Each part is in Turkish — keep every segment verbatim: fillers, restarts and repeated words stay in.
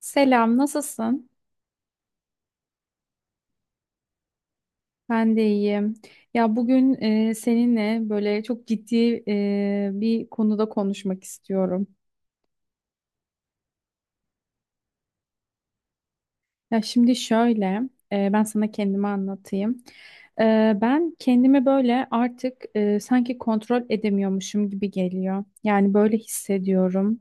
Selam, nasılsın? Ben de iyiyim. Ya bugün e, seninle böyle çok ciddi e, bir konuda konuşmak istiyorum. Ya şimdi şöyle, e, ben sana kendimi anlatayım. E, ben kendimi böyle artık e, sanki kontrol edemiyormuşum gibi geliyor. Yani böyle hissediyorum.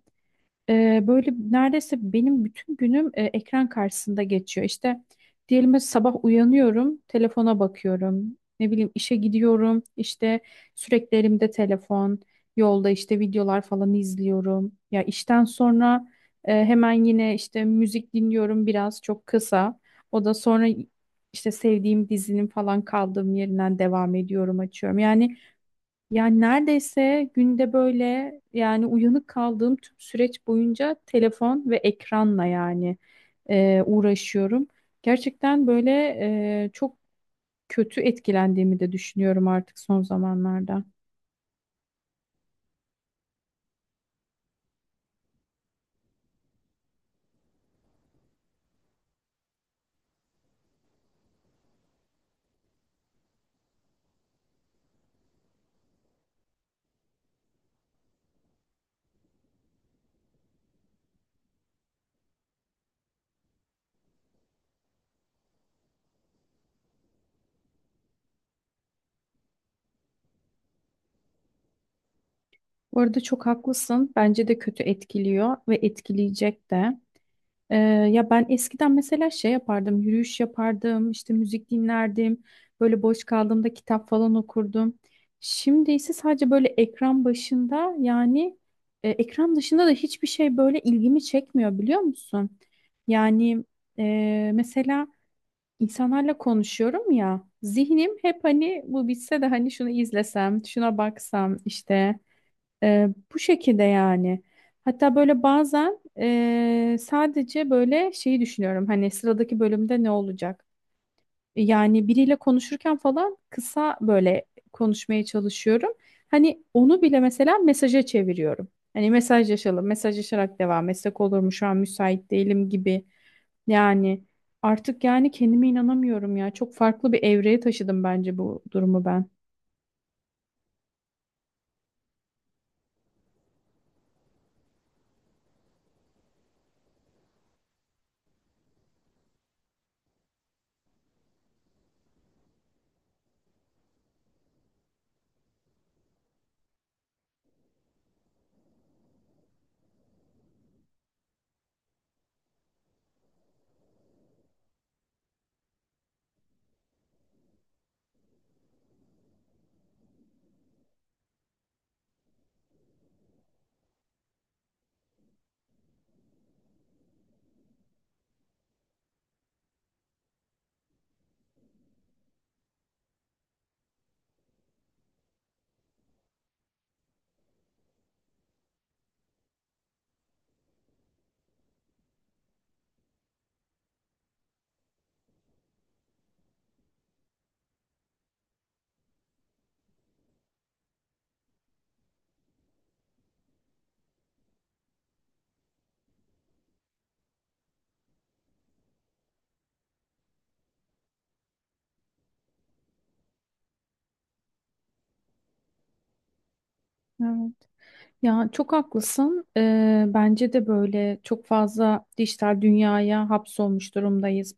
Ee, böyle neredeyse benim bütün günüm e, ekran karşısında geçiyor. İşte diyelim mesela sabah uyanıyorum, telefona bakıyorum. Ne bileyim işe gidiyorum, işte sürekli elimde telefon, yolda işte videolar falan izliyorum. Ya işten sonra e, hemen yine işte müzik dinliyorum biraz çok kısa. O da sonra işte sevdiğim dizinin falan kaldığım yerinden devam ediyorum, açıyorum. Yani yani neredeyse günde böyle yani uyanık kaldığım tüm süreç boyunca telefon ve ekranla yani e, uğraşıyorum. Gerçekten böyle e, çok kötü etkilendiğimi de düşünüyorum artık son zamanlarda. Bu arada çok haklısın. Bence de kötü etkiliyor ve etkileyecek de. Ee, ya ben eskiden mesela şey yapardım, yürüyüş yapardım, işte müzik dinlerdim, böyle boş kaldığımda kitap falan okurdum. Şimdi ise sadece böyle ekran başında yani e, ekran dışında da hiçbir şey böyle ilgimi çekmiyor biliyor musun? Yani e, mesela insanlarla konuşuyorum ya, zihnim hep hani bu bitse de hani şunu izlesem, şuna baksam işte. Ee, bu şekilde yani. Hatta böyle bazen ee, sadece böyle şeyi düşünüyorum. Hani sıradaki bölümde ne olacak? Yani biriyle konuşurken falan kısa böyle konuşmaya çalışıyorum. Hani onu bile mesela mesaja çeviriyorum. Hani mesajlaşalım, mesajlaşarak devam etsek olur mu? Şu an müsait değilim gibi. Yani artık yani kendime inanamıyorum ya. Çok farklı bir evreye taşıdım bence bu durumu ben. Evet. Ya çok haklısın. Ee, bence de böyle çok fazla dijital dünyaya hapsolmuş durumdayız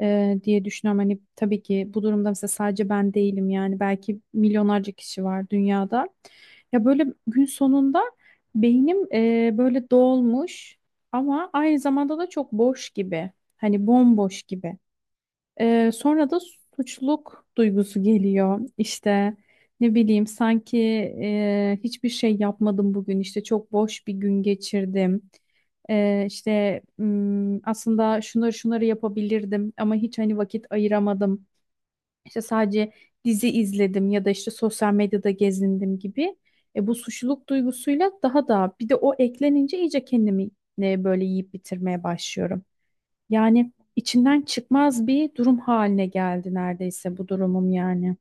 e, diye düşünüyorum. Hani tabii ki bu durumda mesela sadece ben değilim yani belki milyonlarca kişi var dünyada. Ya böyle gün sonunda beynim e, böyle dolmuş ama aynı zamanda da çok boş gibi. Hani bomboş gibi. Ee, sonra da suçluluk duygusu geliyor. İşte ne bileyim sanki e, hiçbir şey yapmadım bugün. İşte çok boş bir gün geçirdim. Ee, işte mm, aslında şunları şunları yapabilirdim ama hiç hani vakit ayıramadım. İşte sadece dizi izledim ya da işte sosyal medyada gezindim gibi. E, bu suçluluk duygusuyla daha da bir de o eklenince iyice kendimi e, böyle yiyip bitirmeye başlıyorum. Yani içinden çıkmaz bir durum haline geldi neredeyse bu durumum yani.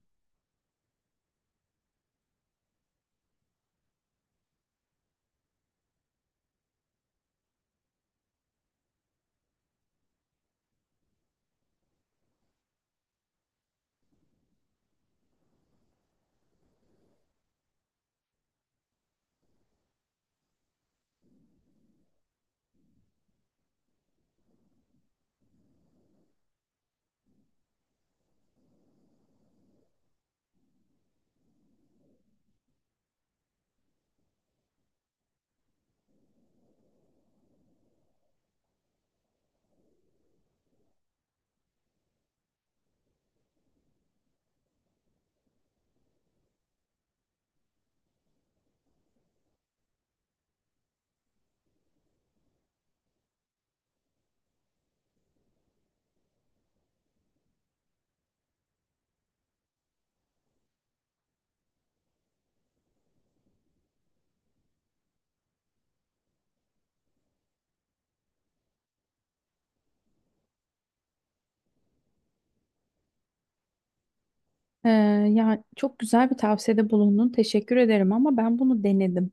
Ee, yani çok güzel bir tavsiyede bulundun. Teşekkür ederim ama ben bunu denedim.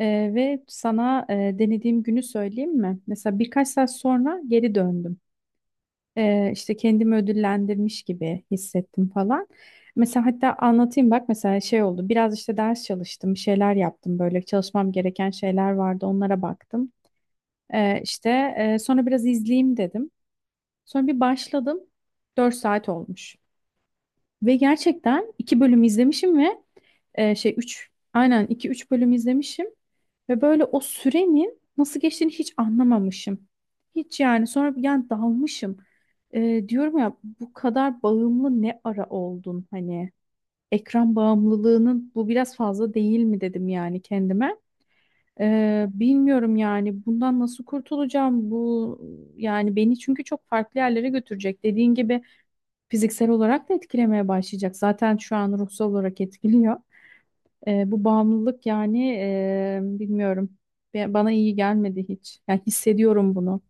Ee, ve sana e, denediğim günü söyleyeyim mi? Mesela birkaç saat sonra geri döndüm. Ee, işte kendimi ödüllendirmiş gibi hissettim falan. Mesela hatta anlatayım bak mesela şey oldu. Biraz işte ders çalıştım, bir şeyler yaptım böyle çalışmam gereken şeyler vardı onlara baktım. Ee, işte e, sonra biraz izleyeyim dedim. Sonra bir başladım. Dört saat olmuş. Ve gerçekten iki bölüm izlemişim ve e, şey üç aynen iki üç bölüm izlemişim. Ve böyle o sürenin nasıl geçtiğini hiç anlamamışım. Hiç yani sonra bir yani dalmışım. E, diyorum ya bu kadar bağımlı ne ara oldun hani ekran bağımlılığının bu biraz fazla değil mi dedim yani kendime. E, bilmiyorum yani bundan nasıl kurtulacağım bu yani beni çünkü çok farklı yerlere götürecek dediğin gibi fiziksel olarak da etkilemeye başlayacak. Zaten şu an ruhsal olarak etkiliyor. Ee, bu bağımlılık yani e, bilmiyorum. Be- Bana iyi gelmedi hiç. Yani hissediyorum bunu.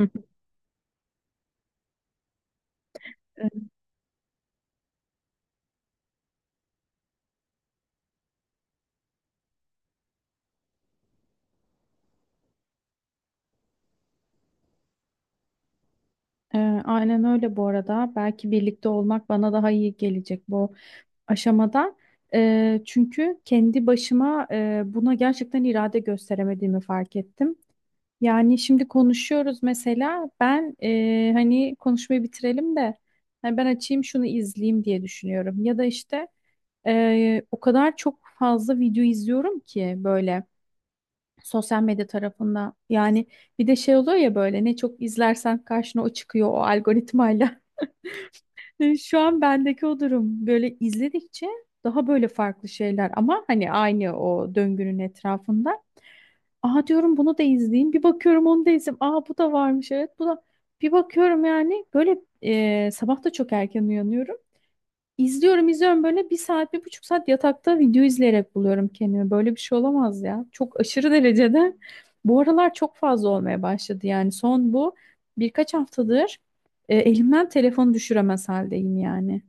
Hı. Ee, aynen öyle bu arada. Belki birlikte olmak bana daha iyi gelecek bu aşamada. Ee, çünkü kendi başıma e, buna gerçekten irade gösteremediğimi fark ettim. Yani şimdi konuşuyoruz mesela ben e, hani konuşmayı bitirelim de hani ben açayım şunu izleyeyim diye düşünüyorum. Ya da işte e, o kadar çok fazla video izliyorum ki böyle sosyal medya tarafında. Yani bir de şey oluyor ya böyle ne çok izlersen karşına o çıkıyor o algoritmayla. E, Şu an bendeki o durum böyle izledikçe daha böyle farklı şeyler ama hani aynı o döngünün etrafında. Aa diyorum bunu da izleyeyim. Bir bakıyorum onu da izleyeyim. Aa bu da varmış evet. Bu da bir bakıyorum yani böyle e, sabah da çok erken uyanıyorum. İzliyorum izliyorum böyle bir saat bir buçuk saat yatakta video izleyerek buluyorum kendimi. Böyle bir şey olamaz ya. Çok aşırı derecede. Bu aralar çok fazla olmaya başladı yani son bu birkaç haftadır e, elimden telefonu düşüremez haldeyim yani.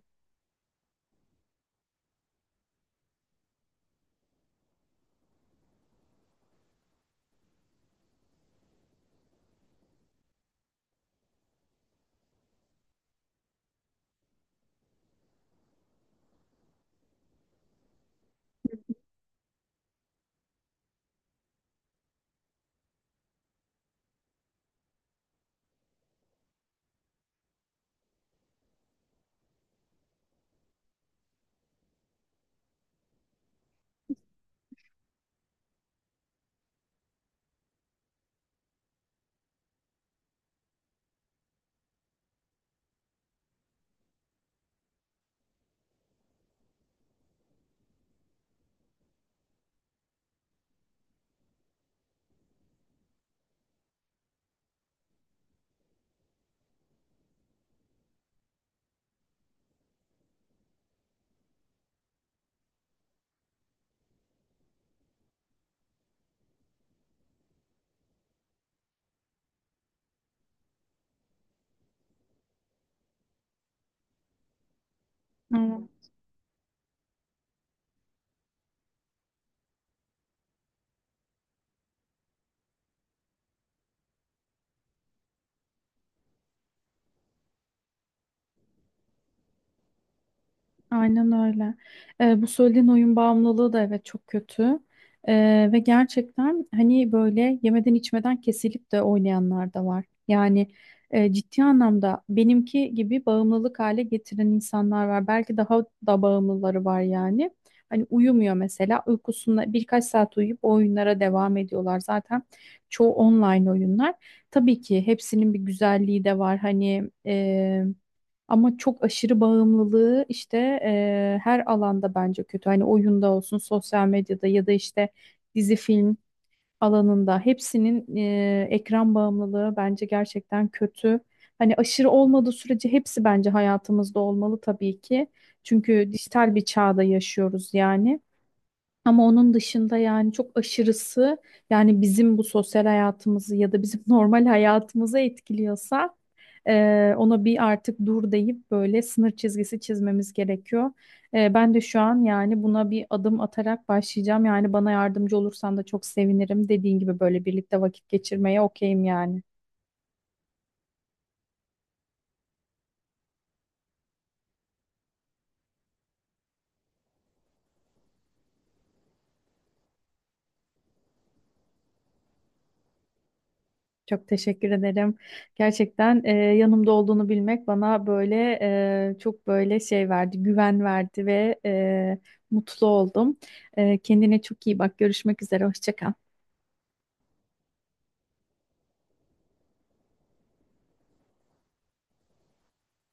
Evet. Aynen öyle. Ee, bu söylediğin oyun bağımlılığı da evet çok kötü. Ee, ve gerçekten hani böyle yemeden içmeden kesilip de oynayanlar da var. Yani e, ciddi anlamda benimki gibi bağımlılık hale getiren insanlar var. Belki daha da bağımlıları var yani. Hani uyumuyor mesela uykusunda birkaç saat uyuyup o oyunlara devam ediyorlar. Zaten çoğu online oyunlar. Tabii ki hepsinin bir güzelliği de var. Hani... E, ama çok aşırı bağımlılığı işte eee, her alanda bence kötü. Hani oyunda olsun, sosyal medyada ya da işte dizi film alanında hepsinin eee, ekran bağımlılığı bence gerçekten kötü. Hani aşırı olmadığı sürece hepsi bence hayatımızda olmalı tabii ki. Çünkü dijital bir çağda yaşıyoruz yani. Ama onun dışında yani çok aşırısı yani bizim bu sosyal hayatımızı ya da bizim normal hayatımızı etkiliyorsa e, ona bir artık dur deyip böyle sınır çizgisi çizmemiz gerekiyor. E, ben de şu an yani buna bir adım atarak başlayacağım. Yani bana yardımcı olursan da çok sevinirim. Dediğin gibi böyle birlikte vakit geçirmeye okeyim yani. Çok teşekkür ederim. Gerçekten e, yanımda olduğunu bilmek bana böyle e, çok böyle şey verdi, güven verdi ve e, mutlu oldum. E, kendine çok iyi bak. Görüşmek üzere. Hoşça kal.